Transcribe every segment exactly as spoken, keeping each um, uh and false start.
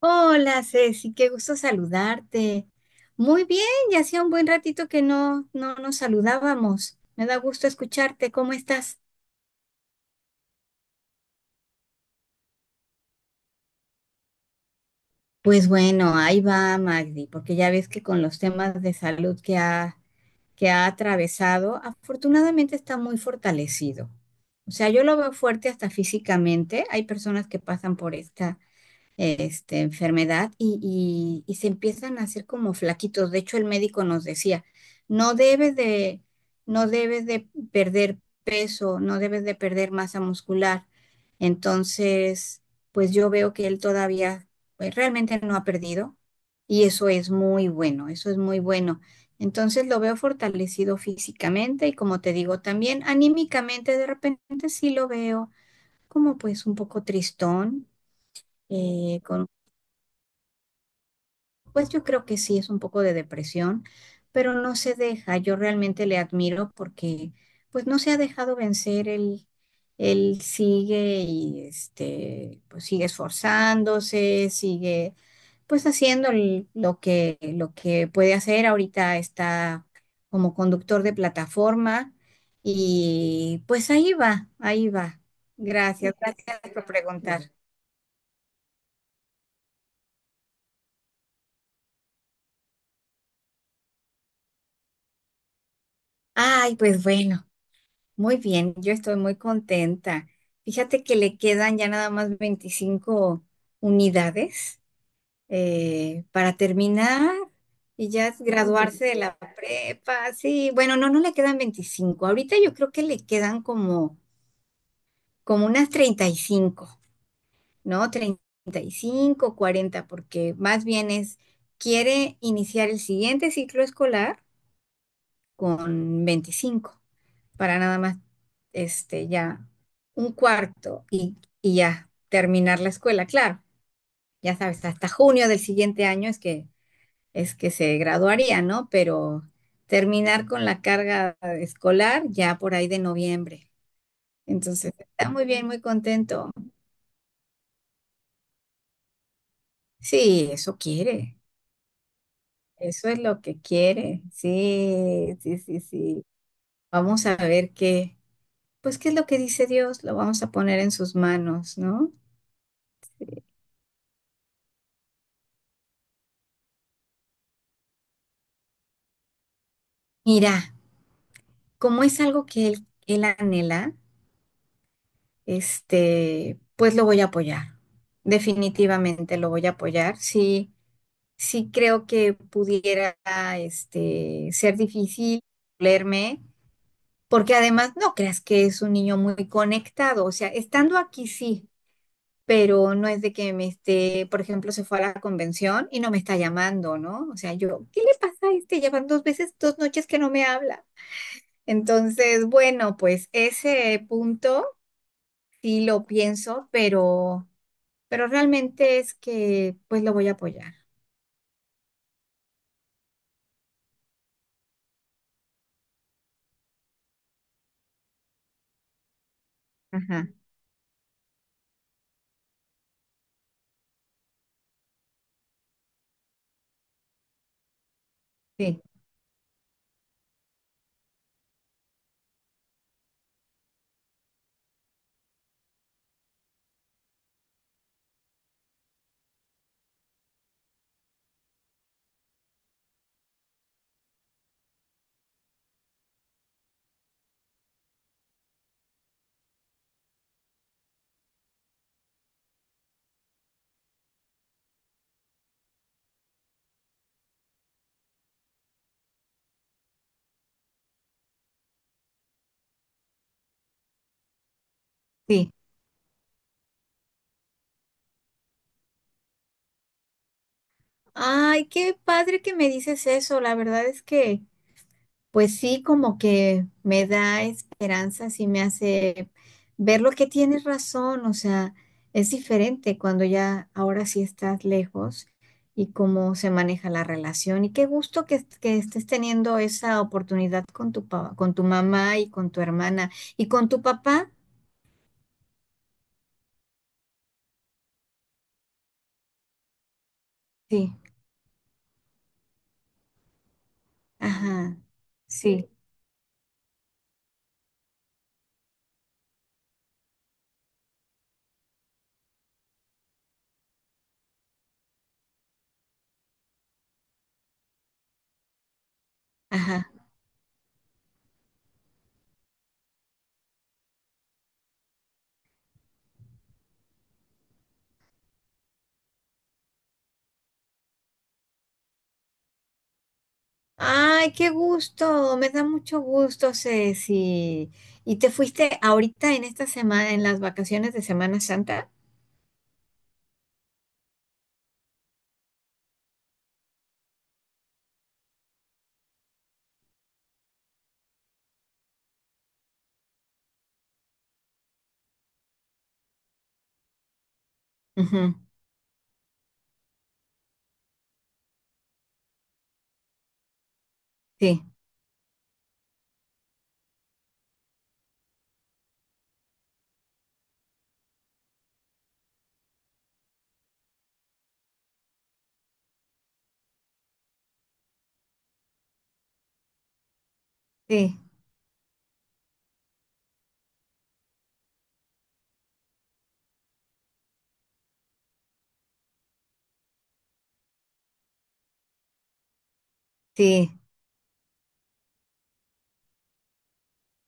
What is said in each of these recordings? Hola Ceci, qué gusto saludarte. Muy bien, ya hacía un buen ratito que no, no nos saludábamos. Me da gusto escucharte, ¿cómo estás? Pues bueno, ahí va Magdi, porque ya ves que con los temas de salud que ha, que ha atravesado, afortunadamente está muy fortalecido. O sea, yo lo veo fuerte hasta físicamente. Hay personas que pasan por esta este, enfermedad y, y- y se empiezan a hacer como flaquitos. De hecho, el médico nos decía, no debes de, no debes de perder peso, no debes de perder masa muscular. Entonces, pues yo veo que él todavía, pues realmente no ha perdido y eso es muy bueno, eso es muy bueno. Entonces lo veo fortalecido físicamente y como te digo, también anímicamente de repente sí lo veo como pues un poco tristón, eh, con Pues yo creo que sí es un poco de depresión, pero no se deja. Yo realmente le admiro porque pues no se ha dejado vencer. Él, él sigue y este, pues sigue esforzándose, sigue pues haciendo l- lo que, lo que puede hacer. Ahorita está como conductor de plataforma y pues ahí va, ahí va. Gracias, gracias por preguntar. Ay, pues bueno. Muy bien, yo estoy muy contenta. Fíjate que le quedan ya nada más veinticinco unidades eh, para terminar y ya es graduarse de la prepa. Sí, bueno, no, no le quedan veinticinco. Ahorita yo creo que le quedan como, como unas treinta y cinco, ¿no? treinta y cinco, cuarenta, porque más bien es, quiere iniciar el siguiente ciclo escolar con veinticinco. Para nada más, este, ya un cuarto y, y ya terminar la escuela. Claro, ya sabes, hasta junio del siguiente año es que, es que se graduaría, ¿no? Pero terminar con la carga escolar ya por ahí de noviembre. Entonces, está muy bien, muy contento. Sí, eso quiere, eso es lo que quiere. Sí, sí, sí, sí. Vamos a ver qué, pues qué es lo que dice Dios, lo vamos a poner en sus manos, ¿no? Mira. Como es algo que él, él anhela, este, pues lo voy a apoyar. Definitivamente lo voy a apoyar. Sí, sí creo que pudiera, este, ser difícil leerme, porque además no creas que es un niño muy conectado. O sea, estando aquí sí, pero no es de que me esté, por ejemplo, se fue a la convención y no me está llamando, ¿no? O sea, yo, ¿qué le pasa a este? Llevan dos veces, dos noches que no me habla. Entonces, bueno, pues ese punto Sí lo pienso, pero, pero realmente es que pues lo voy a apoyar. Ajá, sí, sí. Ay, qué padre que me dices eso. La verdad es que pues sí, como que me da esperanza, sí me hace ver lo que tienes razón. O sea, es diferente cuando ya ahora sí estás lejos y cómo se maneja la relación. Y qué gusto que, que estés teniendo esa oportunidad con tu, pa- con tu mamá y con tu hermana y con tu papá. Sí. Ajá, Sí. ajá. Ay, qué gusto, me da mucho gusto, Ceci. ¿Y te fuiste ahorita en esta semana, en las vacaciones de Semana Santa? Ujú, Sí, sí, sí.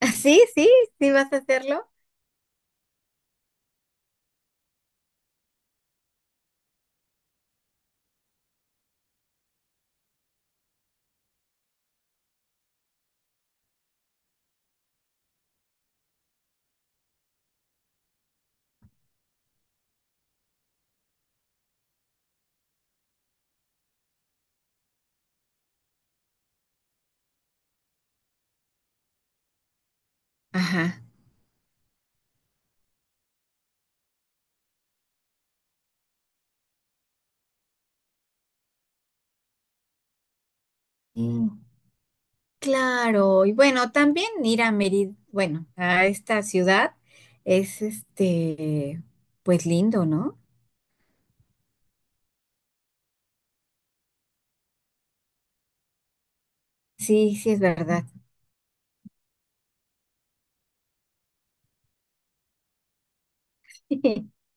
Ah, Sí, sí, sí, vas a hacerlo. Ajá. Sí. Claro, y bueno, también ir a Mérida, bueno, a esta ciudad es este, pues lindo, ¿no? Sí, sí, es verdad.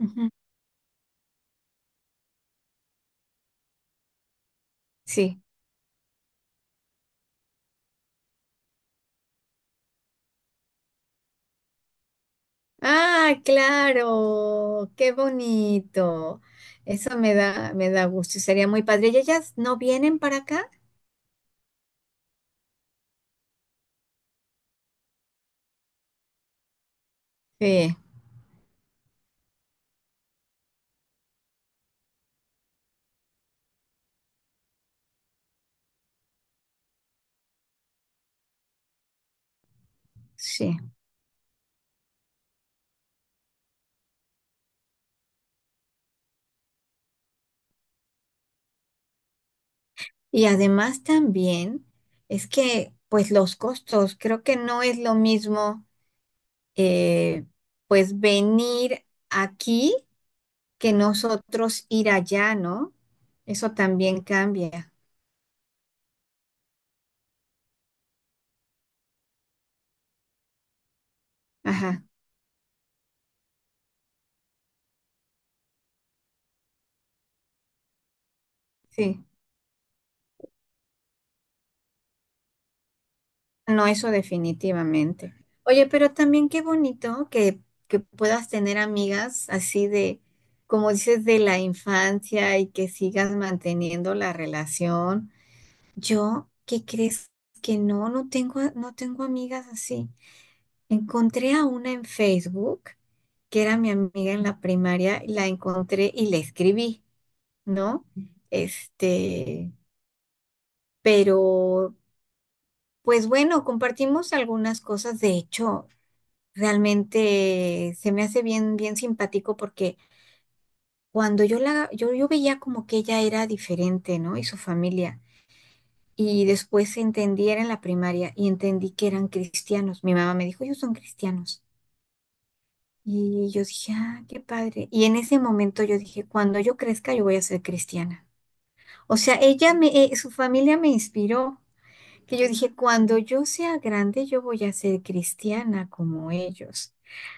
Ujú, Sí. Ah, claro, qué bonito. Eso me da, me da gusto y sería muy padre. ¿Y ellas no vienen para acá? Sí, sí. Y además también es que, pues los costos, creo que no es lo mismo, eh, pues venir aquí que nosotros ir allá, ¿no? Eso también cambia. Ajá, sí. No, eso definitivamente. Oye, pero también qué bonito que, que puedas tener amigas así de, como dices, de la infancia y que sigas manteniendo la relación. Yo, ¿qué crees? Que no, no tengo, no tengo amigas así. Encontré a una en Facebook que era mi amiga en la primaria, la encontré y le escribí, ¿no? Este, pero pues bueno, compartimos algunas cosas. De hecho, realmente se me hace bien, bien simpático porque cuando yo la, yo, yo veía como que ella era diferente, ¿no? Y su familia. Y después entendí, era en la primaria, y entendí que eran cristianos. Mi mamá me dijo, ellos son cristianos. Y yo dije, ah, qué padre. Y en ese momento yo dije, cuando yo crezca, yo voy a ser cristiana. O sea, ella me, eh, su familia me inspiró. Que yo dije, cuando yo sea grande, yo voy a ser cristiana como ellos.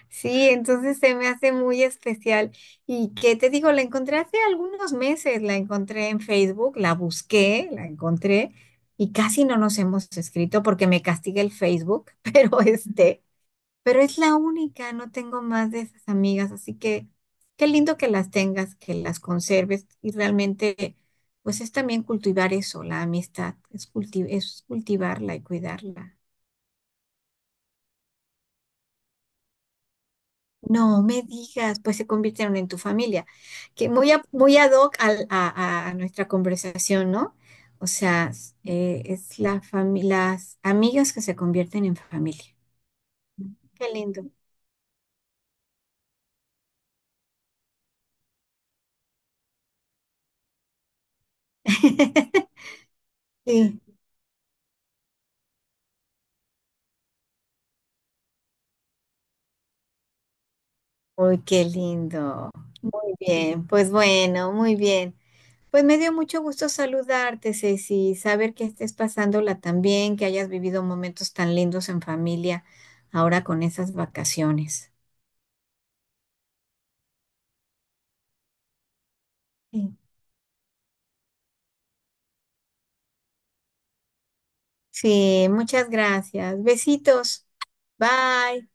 Sí, entonces se me hace muy especial. Y qué te digo, la encontré hace algunos meses, la encontré en Facebook, la busqué, la encontré y casi no nos hemos escrito porque me castiga el Facebook, pero este, pero es la única, no tengo más de esas amigas, así que qué lindo que las tengas, que las conserves y realmente, pues es también cultivar eso, la amistad, es, culti- es cultivarla y cuidarla. No me digas, pues se convirtieron en tu familia, que muy, a- muy ad hoc al- a, a- a nuestra conversación, ¿no? O sea, s- eh, es la fami- las amigas que se convierten en familia. Qué lindo. Sí. Uy, qué lindo. Bien, pues bueno, muy bien. Pues me dio mucho gusto saludarte, Ceci, saber que estés pasándola tan bien, que hayas vivido momentos tan lindos en familia ahora con esas vacaciones. Sí, Sí, muchas gracias. Besitos. Bye.